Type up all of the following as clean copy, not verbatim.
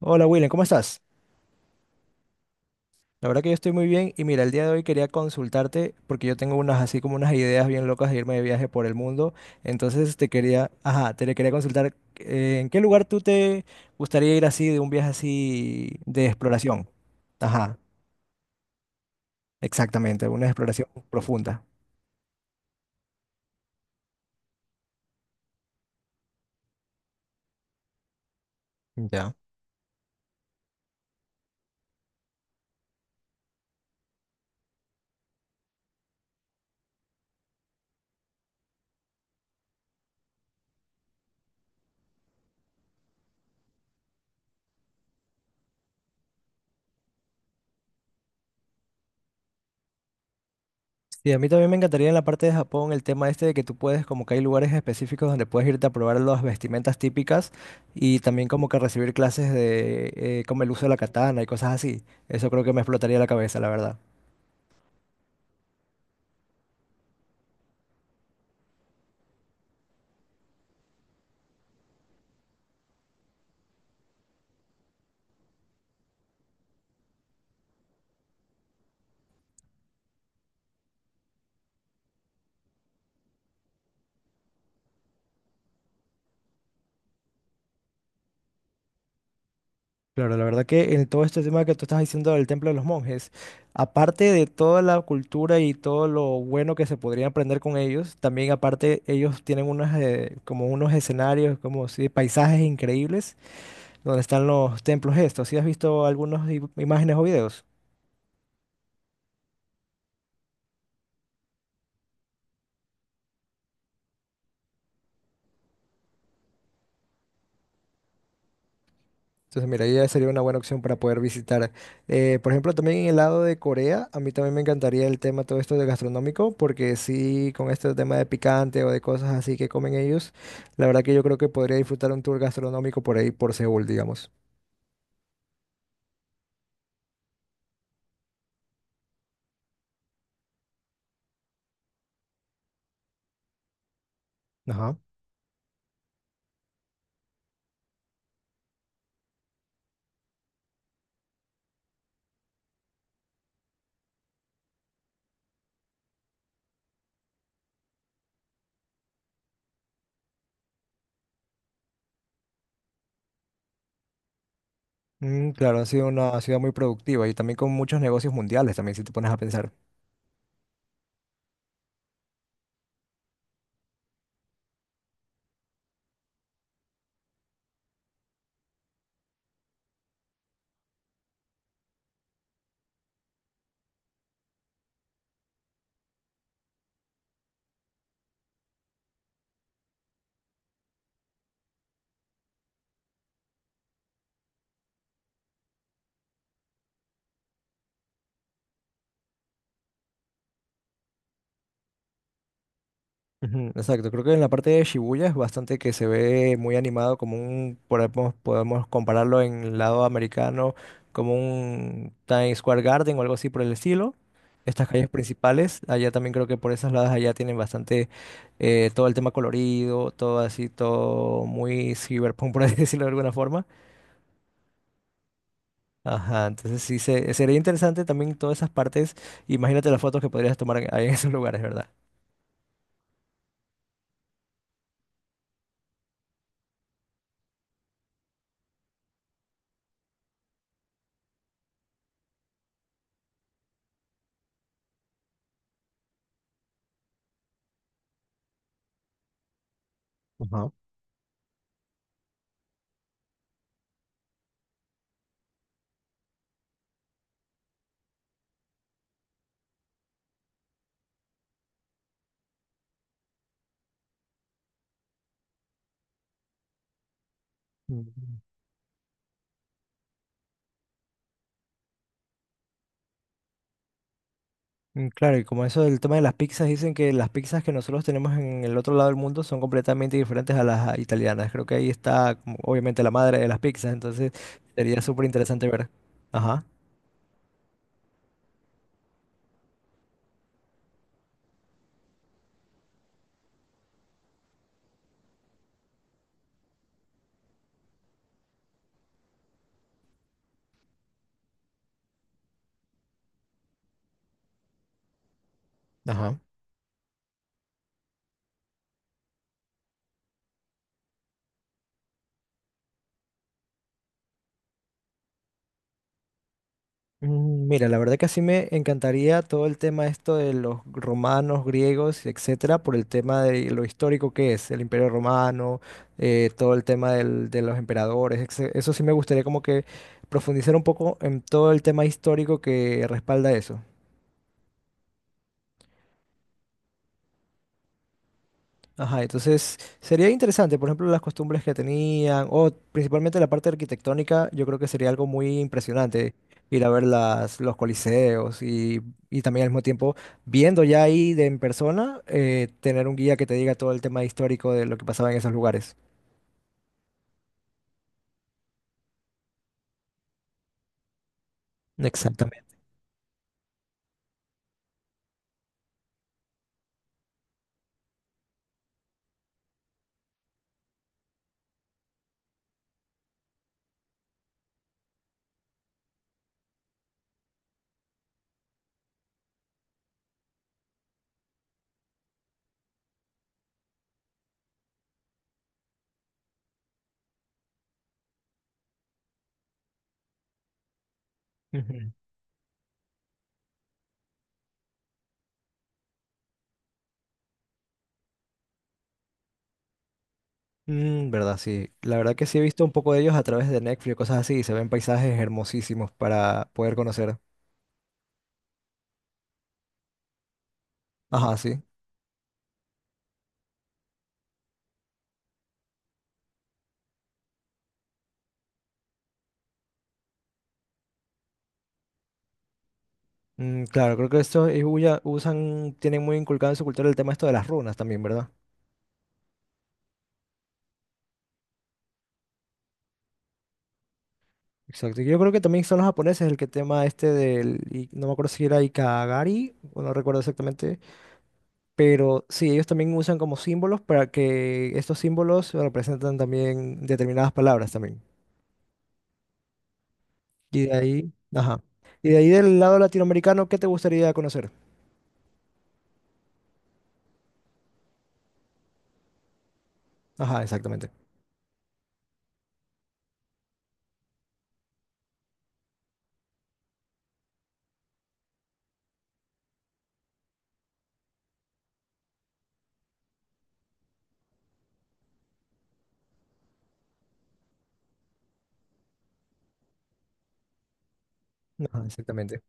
Hola William, ¿cómo estás? La verdad que yo estoy muy bien y mira, el día de hoy quería consultarte porque yo tengo unas así como unas ideas bien locas de irme de viaje por el mundo. Entonces te le quería consultar ¿en qué lugar tú te gustaría ir así de un viaje así de exploración? Ajá, exactamente, una exploración profunda. Ya. Sí, a mí también me encantaría en la parte de Japón el tema este de que tú puedes, como que hay lugares específicos donde puedes irte a probar las vestimentas típicas y también como que recibir clases de como el uso de la katana y cosas así. Eso creo que me explotaría la cabeza, la verdad. Claro, la verdad que en todo este tema que tú estás diciendo del Templo de los Monjes, aparte de toda la cultura y todo lo bueno que se podría aprender con ellos, también aparte ellos tienen unos como unos escenarios, como si paisajes increíbles donde están los templos estos. ¿Sí has visto algunas imágenes o videos? Entonces, mira, ya sería una buena opción para poder visitar. Por ejemplo, también en el lado de Corea, a mí también me encantaría el tema todo esto de gastronómico, porque sí, con este tema de picante o de cosas así que comen ellos, la verdad que yo creo que podría disfrutar un tour gastronómico por ahí, por Seúl, digamos. Ajá. Mm, claro, ha sido una ciudad muy productiva y también con muchos negocios mundiales, también si te pones a pensar. Ujú, exacto, creo que en la parte de Shibuya es bastante que se ve muy animado, como un, podemos compararlo en el lado americano, como un Times Square Garden o algo así por el estilo. Estas calles principales, allá también creo que por esas lados allá tienen bastante todo el tema colorido, todo así, todo muy cyberpunk, por así decirlo de alguna forma. Ajá, entonces sí, sería interesante también todas esas partes. Imagínate las fotos que podrías tomar ahí en esos lugares, ¿verdad? Ajá. Mm. Mm, claro, y como eso del tema de las pizzas, dicen que las pizzas que nosotros tenemos en el otro lado del mundo son completamente diferentes a las italianas. Creo que ahí está, como, obviamente, la madre de las pizzas, entonces sería súper interesante ver. Ajá. Ajá. Mm, mira, la verdad que sí me encantaría todo el tema esto de los romanos, griegos, etcétera, por el tema de lo histórico que es el Imperio Romano, todo el tema de los emperadores, etc. Eso sí me gustaría como que profundizar un poco en todo el tema histórico que respalda eso. Ajá, entonces sería interesante, por ejemplo, las costumbres que tenían, o principalmente la parte arquitectónica, yo creo que sería algo muy impresionante ir a ver los coliseos y también al mismo tiempo, viendo ya ahí de en persona, tener un guía que te diga todo el tema histórico de lo que pasaba en esos lugares. Exactamente. Ujú. Mm, verdad, sí. La verdad que sí he visto un poco de ellos a través de Netflix o cosas así, y se ven paisajes hermosísimos para poder conocer. Ajá, sí. Mm, claro, creo que esto ellos usan, tienen muy inculcado en su cultura el tema esto de las runas también, ¿verdad? Exacto. Yo creo que también son los japoneses el que tema este del, y no me acuerdo si era Ikagari, o no recuerdo exactamente, pero sí, ellos también usan como símbolos para que estos símbolos representan también determinadas palabras también. Y de ahí, ajá. Y de ahí del lado latinoamericano, ¿qué te gustaría conocer? Ajá, exactamente. Ajá, exactamente.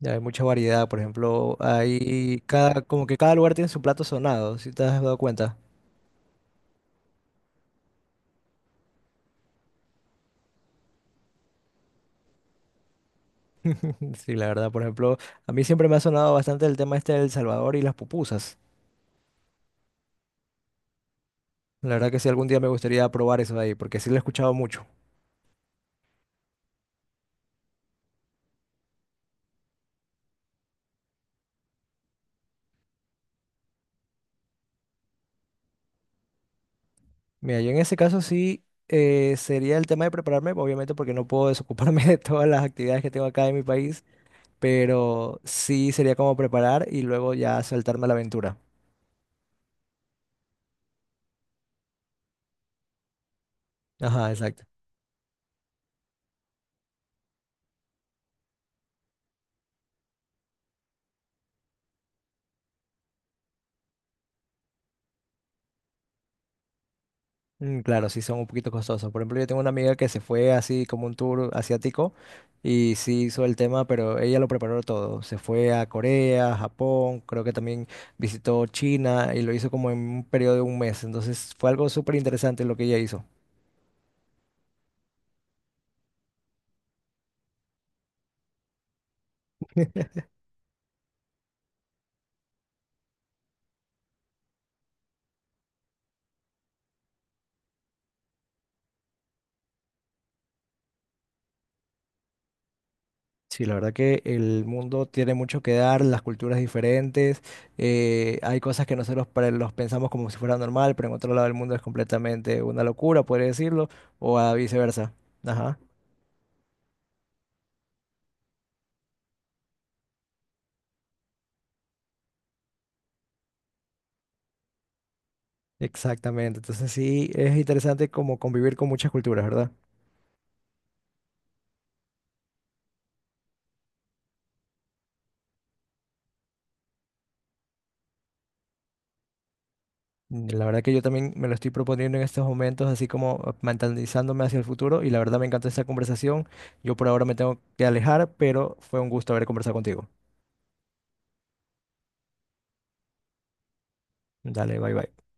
Ya hay mucha variedad, por ejemplo, hay cada, como que cada lugar tiene su plato sonado, si te has dado cuenta. Sí, la verdad, por ejemplo, a mí siempre me ha sonado bastante el tema este del Salvador y las pupusas. La verdad que sí, algún día me gustaría probar eso de ahí, porque sí lo he escuchado mucho. Mira, yo en ese caso sí sería el tema de prepararme, obviamente porque no puedo desocuparme de todas las actividades que tengo acá en mi país, pero sí sería como preparar y luego ya saltarme a la aventura. Ajá, exacto. Mm, claro, sí son un poquito costosos. Por ejemplo, yo tengo una amiga que se fue así como un tour asiático y sí hizo el tema, pero ella lo preparó todo. Se fue a Corea, Japón, creo que también visitó China y lo hizo como en un periodo de un mes. Entonces fue algo súper interesante lo que ella hizo. Sí, la verdad que el mundo tiene mucho que dar, las culturas diferentes, hay cosas que nosotros los pensamos como si fuera normal, pero en otro lado del mundo es completamente una locura, podría decirlo, o a viceversa. Ajá. Exactamente, entonces sí, es interesante como convivir con muchas culturas, ¿verdad? Mm, la verdad que yo también me lo estoy proponiendo en estos momentos, así como mentalizándome hacia el futuro, y la verdad me encantó esta conversación. Yo por ahora me tengo que alejar, pero fue un gusto haber conversado contigo. Dale, bye bye.